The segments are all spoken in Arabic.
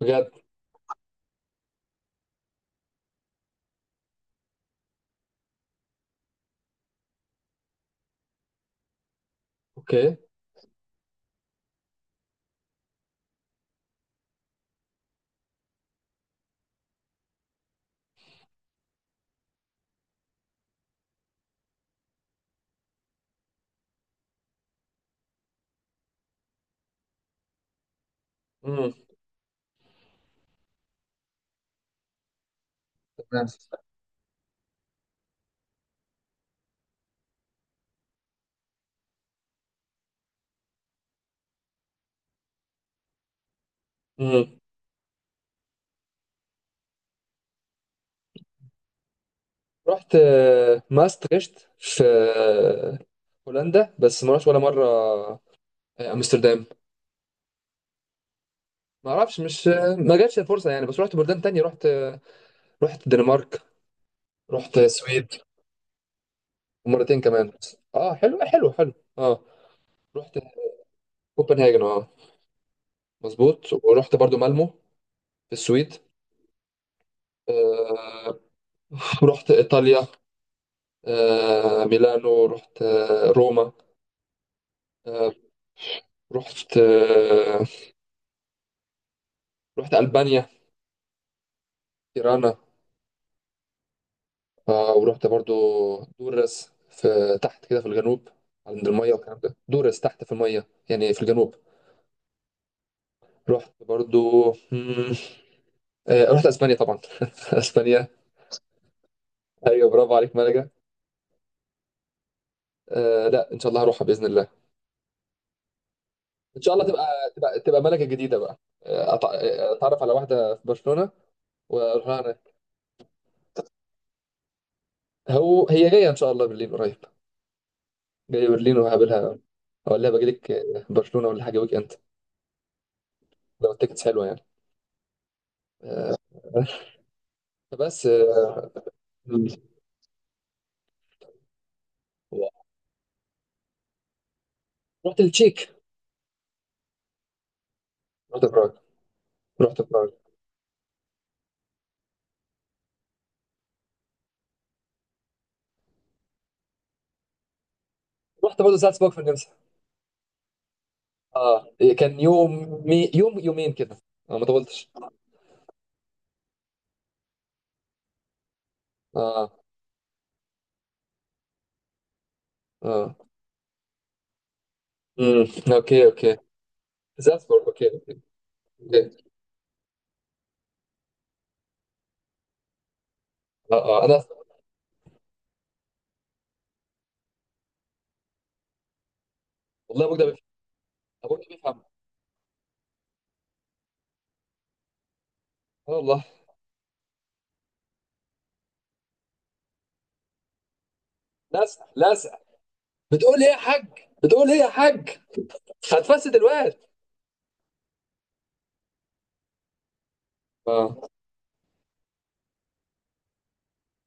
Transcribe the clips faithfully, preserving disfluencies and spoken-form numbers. بجد. اوكي. امم. تمام. امم. رحت آه، ماستريشت في آه، هولندا، بس ما رحتش ولا مره آه، امستردام. ما اعرفش، مش آه، ما جاتش الفرصه يعني. بس رحت بلدان تانية. رحت آه، رحت الدنمارك، رحت السويد، ومرتين كمان. اه حلو آه، حلو حلو. اه رحت كوبنهاجن. اه مظبوط، ورحت برضو مالمو في السويد. آه رحت ايطاليا. آه ميلانو، رحت آه روما. آه رحت آه رحت ألبانيا، تيرانا. آه، ورحت برضو دورس، في تحت كده في الجنوب، عند المية والكلام ده. دورس تحت في المية يعني، في الجنوب. رحت برضو مم، آه، رحت اسبانيا طبعا. اسبانيا. ايوه برافو عليك ملكة. آه، لا ان شاء الله هروحها باذن الله. ان شاء الله تبقى. تبقى تبقى ملكة جديدة بقى. آه، أتع- آه، اتعرف على واحدة في برشلونة واروح لها هناك. هو هي جاية ان شاء الله برلين قريب. جاية برلين وهقابلها. اقول لها باجي لك برشلونة ولا حاجة ويك اند، لو التيكتس حلوة يعني. آه، بس آه، مم. رحت التشيك. رحت براغ. رحت براغ. رحت برضه زالزبورغ في النمسا. اه كان يوم. مي... يوم يومين كده، آه ما طولتش. اه اه. امم. اوكي اوكي. زالزبورغ. اوكي اوكي. اه اه انا. والله ابوك ده بيفهم. ابوك ده بيفهم. آه والله. لازق لازق. بتقول ايه يا حاج؟ بتقول ايه يا حاج؟ هتفسد الواد. اه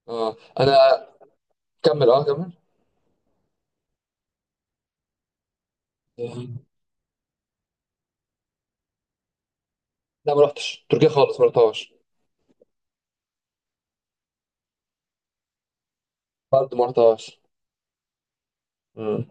اه انا. كمل اه كمل. لا ما رحتش تركيا خالص، ما رحتهاش. برضه ما رحتهاش. امم.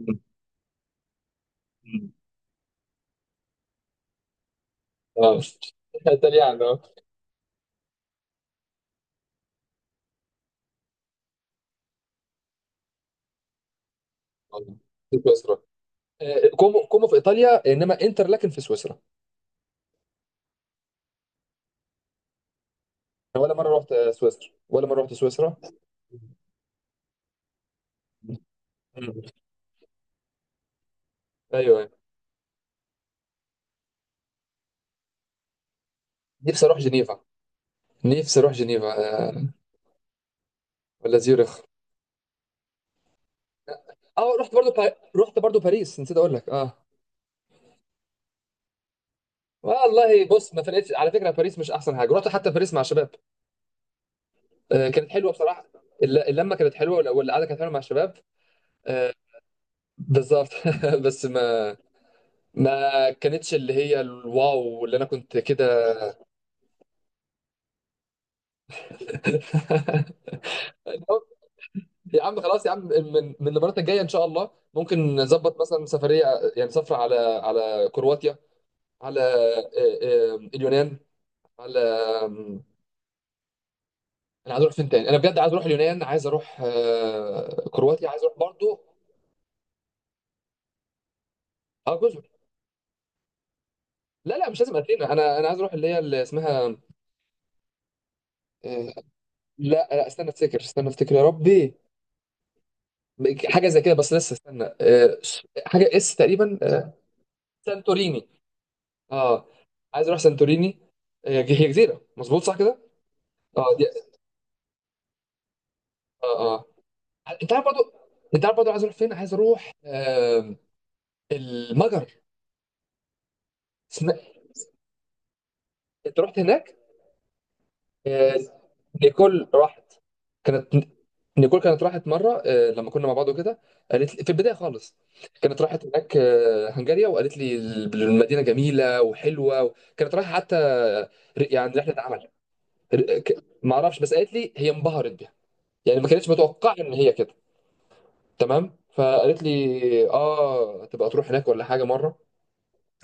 امم. اه. إيطاليان. اه في سويسرا. آه، كومو. كومو في إيطاليا إنما إنتر، لكن في سويسرا. أنا ولا مرة رحت آه، سويسرا، ولا مرة رحت سويسرا. مم. ايوه. نفسي اروح جنيفا. نفسي اروح جنيفا. آه. ولا زيورخ. اه رحت برضو با... رحت برضو باريس، نسيت اقول لك. اه، والله بص ما فرقتش على فكره. باريس مش احسن حاجه. رحت حتى باريس مع شباب. آه كانت حلوه بصراحه. الل- اللمه كانت حلوه، وال- والقعده كانت حلوه مع الشباب. آه بالظبط. بس ما ما كانتش اللي هي الواو اللي انا كنت كده. يا عم خلاص يا عم، من من المرات الجايه ان شاء الله ممكن نظبط مثلا سفريه. يعني سفره على على كرواتيا، على آه، آه، اليونان، على آم، انا عايز اروح فين تاني؟ انا بجد عايز اروح اليونان، عايز اروح آه، كرواتيا، عايز اروح برضو. اه جزر. لا لا مش لازم اثينا. انا انا عايز اروح اللي هي اللي اسمها آه، لا لا استنى افتكر. استنى افتكر يا ربي، حاجه زي كده، بس لسه استنى آه، حاجه اس تقريبا آه، سانتوريني. اه عايز اروح سانتوريني. آه، هي هي جزيره مظبوط، صح كده؟ اه دي. اه اه. انت عارف برضو، انت عارف برضو عايز اروح فين. عايز اروح آه... المجر. اسم... انت رحت هناك؟ آه... نيكول راحت. كانت نيكول كانت راحت مره آه... لما كنا مع بعض وكده. قالت لي في البدايه خالص كانت راحت هناك آه... هنغاريا. وقالت لي المدينه جميله وحلوه. كانت رايحه حتى ر- يعني رحله عمل. ر- ك- ما اعرفش، بس قالت لي هي انبهرت بيها، يعني ما كانتش متوقعه ان هي كده. تمام. فقالت لي اه تبقى تروح هناك ولا حاجه مره،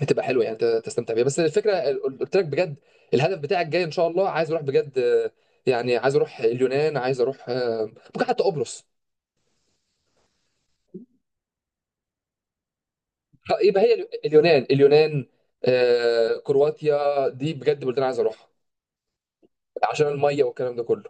هتبقى حلوه يعني ت- تستمتع بيها. بس الفكره قل- قلت لك بجد، الهدف بتاعك جاي ان شاء الله. عايز اروح بجد آه، يعني عايز اروح اليونان، عايز اروح آه، ممكن حتى قبرص. آه، يبقى هي اليونان. اليونان. آه، كرواتيا دي بجد بلدان عايز اروحها، عشان الميه والكلام ده كله.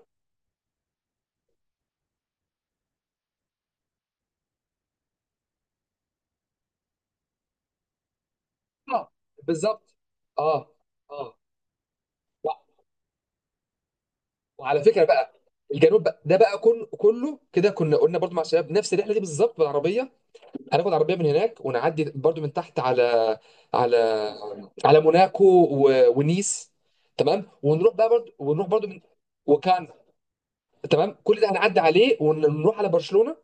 اه بالظبط. اه اه. وعلى فكره بقى، الجنوب بقى ده بقى. كل كله كده كنا قلنا برضو مع الشباب نفس الرحله دي بالظبط بالعربيه. هناخد عربيه من هناك، ونعدي برضو من تحت على على على موناكو. و... ونيس. تمام. ونروح بقى برضو، ونروح برضو من. وكان. تمام كل ده هنعدي عليه، ونروح على برشلونه،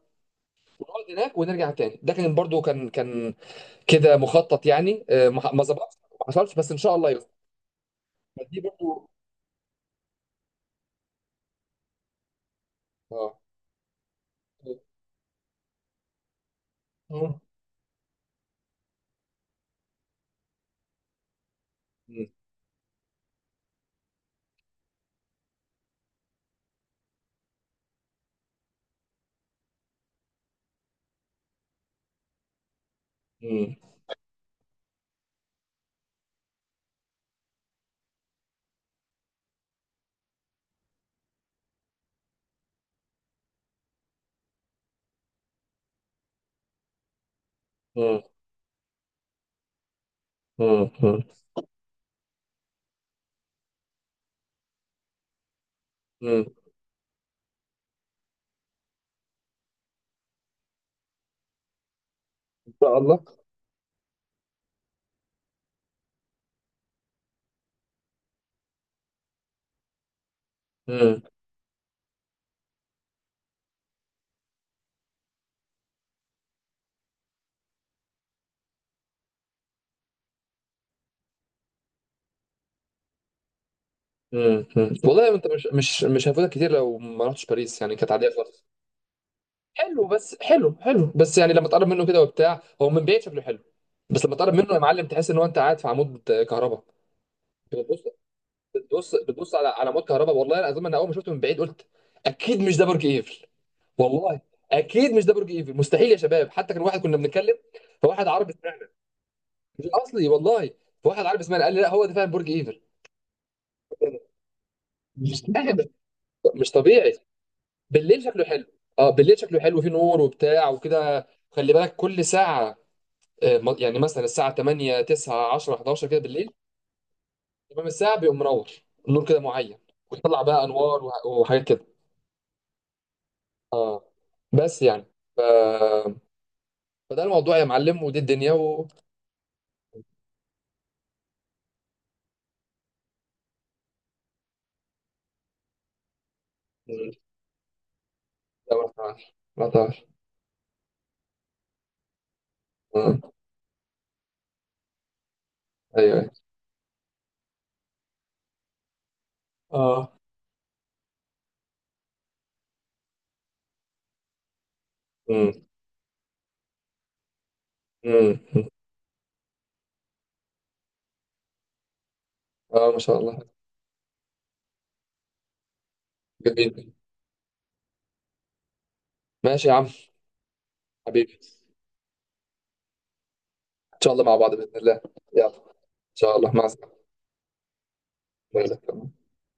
ونقعد هناك، ونرجع تاني. ده كان برضو كان كان كده مخطط يعني. آه، ما ما ظبطش، ما حصلش، بس ان شاء الله يظبط. دي برضو. اه. مم. مم. مم. مم. مم. شاء الله. مم. مم. مم. والله انت مش مش مش هيفوتك كتير لو ما رحتش باريس، يعني كانت عاديه خالص. حلو، بس حلو حلو. بس يعني لما تقرب منه كده وبتاع، هو من بعيد شكله حلو، بس لما تقرب منه يا معلم تحس ان هو انت قاعد في عمود كهرباء. بتبص بتبص بتبص على على عمود كهرباء. والله العظيم انا اول ما شفته من بعيد قلت اكيد مش ده برج ايفل. والله اكيد مش ده برج ايفل. مستحيل يا شباب. حتى كان واحد كنا بنتكلم فواحد عربي سمعنا. مش اصلي والله. فواحد عربي سمعنا قال لي لا هو ده فعلا برج ايفل. مش مش طبيعي. بالليل شكله حلو. اه بالليل شكله حلو، فيه نور وبتاع وكده. خلي بالك كل ساعة. آه، م- يعني مثلا الساعة تمانية تسعة عشرة حداشر كده بالليل، تمام الساعة بيقوم منور، نور كده معين، ويطلع بقى انوار وح- وحاجات كده. اه. بس يعني. ف... فده الموضوع يا معلم، ودي الدنيا و مم. لا ما تعرفش ما تعرفش. آه. ايوه ايوه. اه. مم. مم. اه ما شاء الله. جميل. ماشي يا عم. حبيبي، ان شاء الله مع بعض باذن الله. يلا ان شاء الله مع السلامه.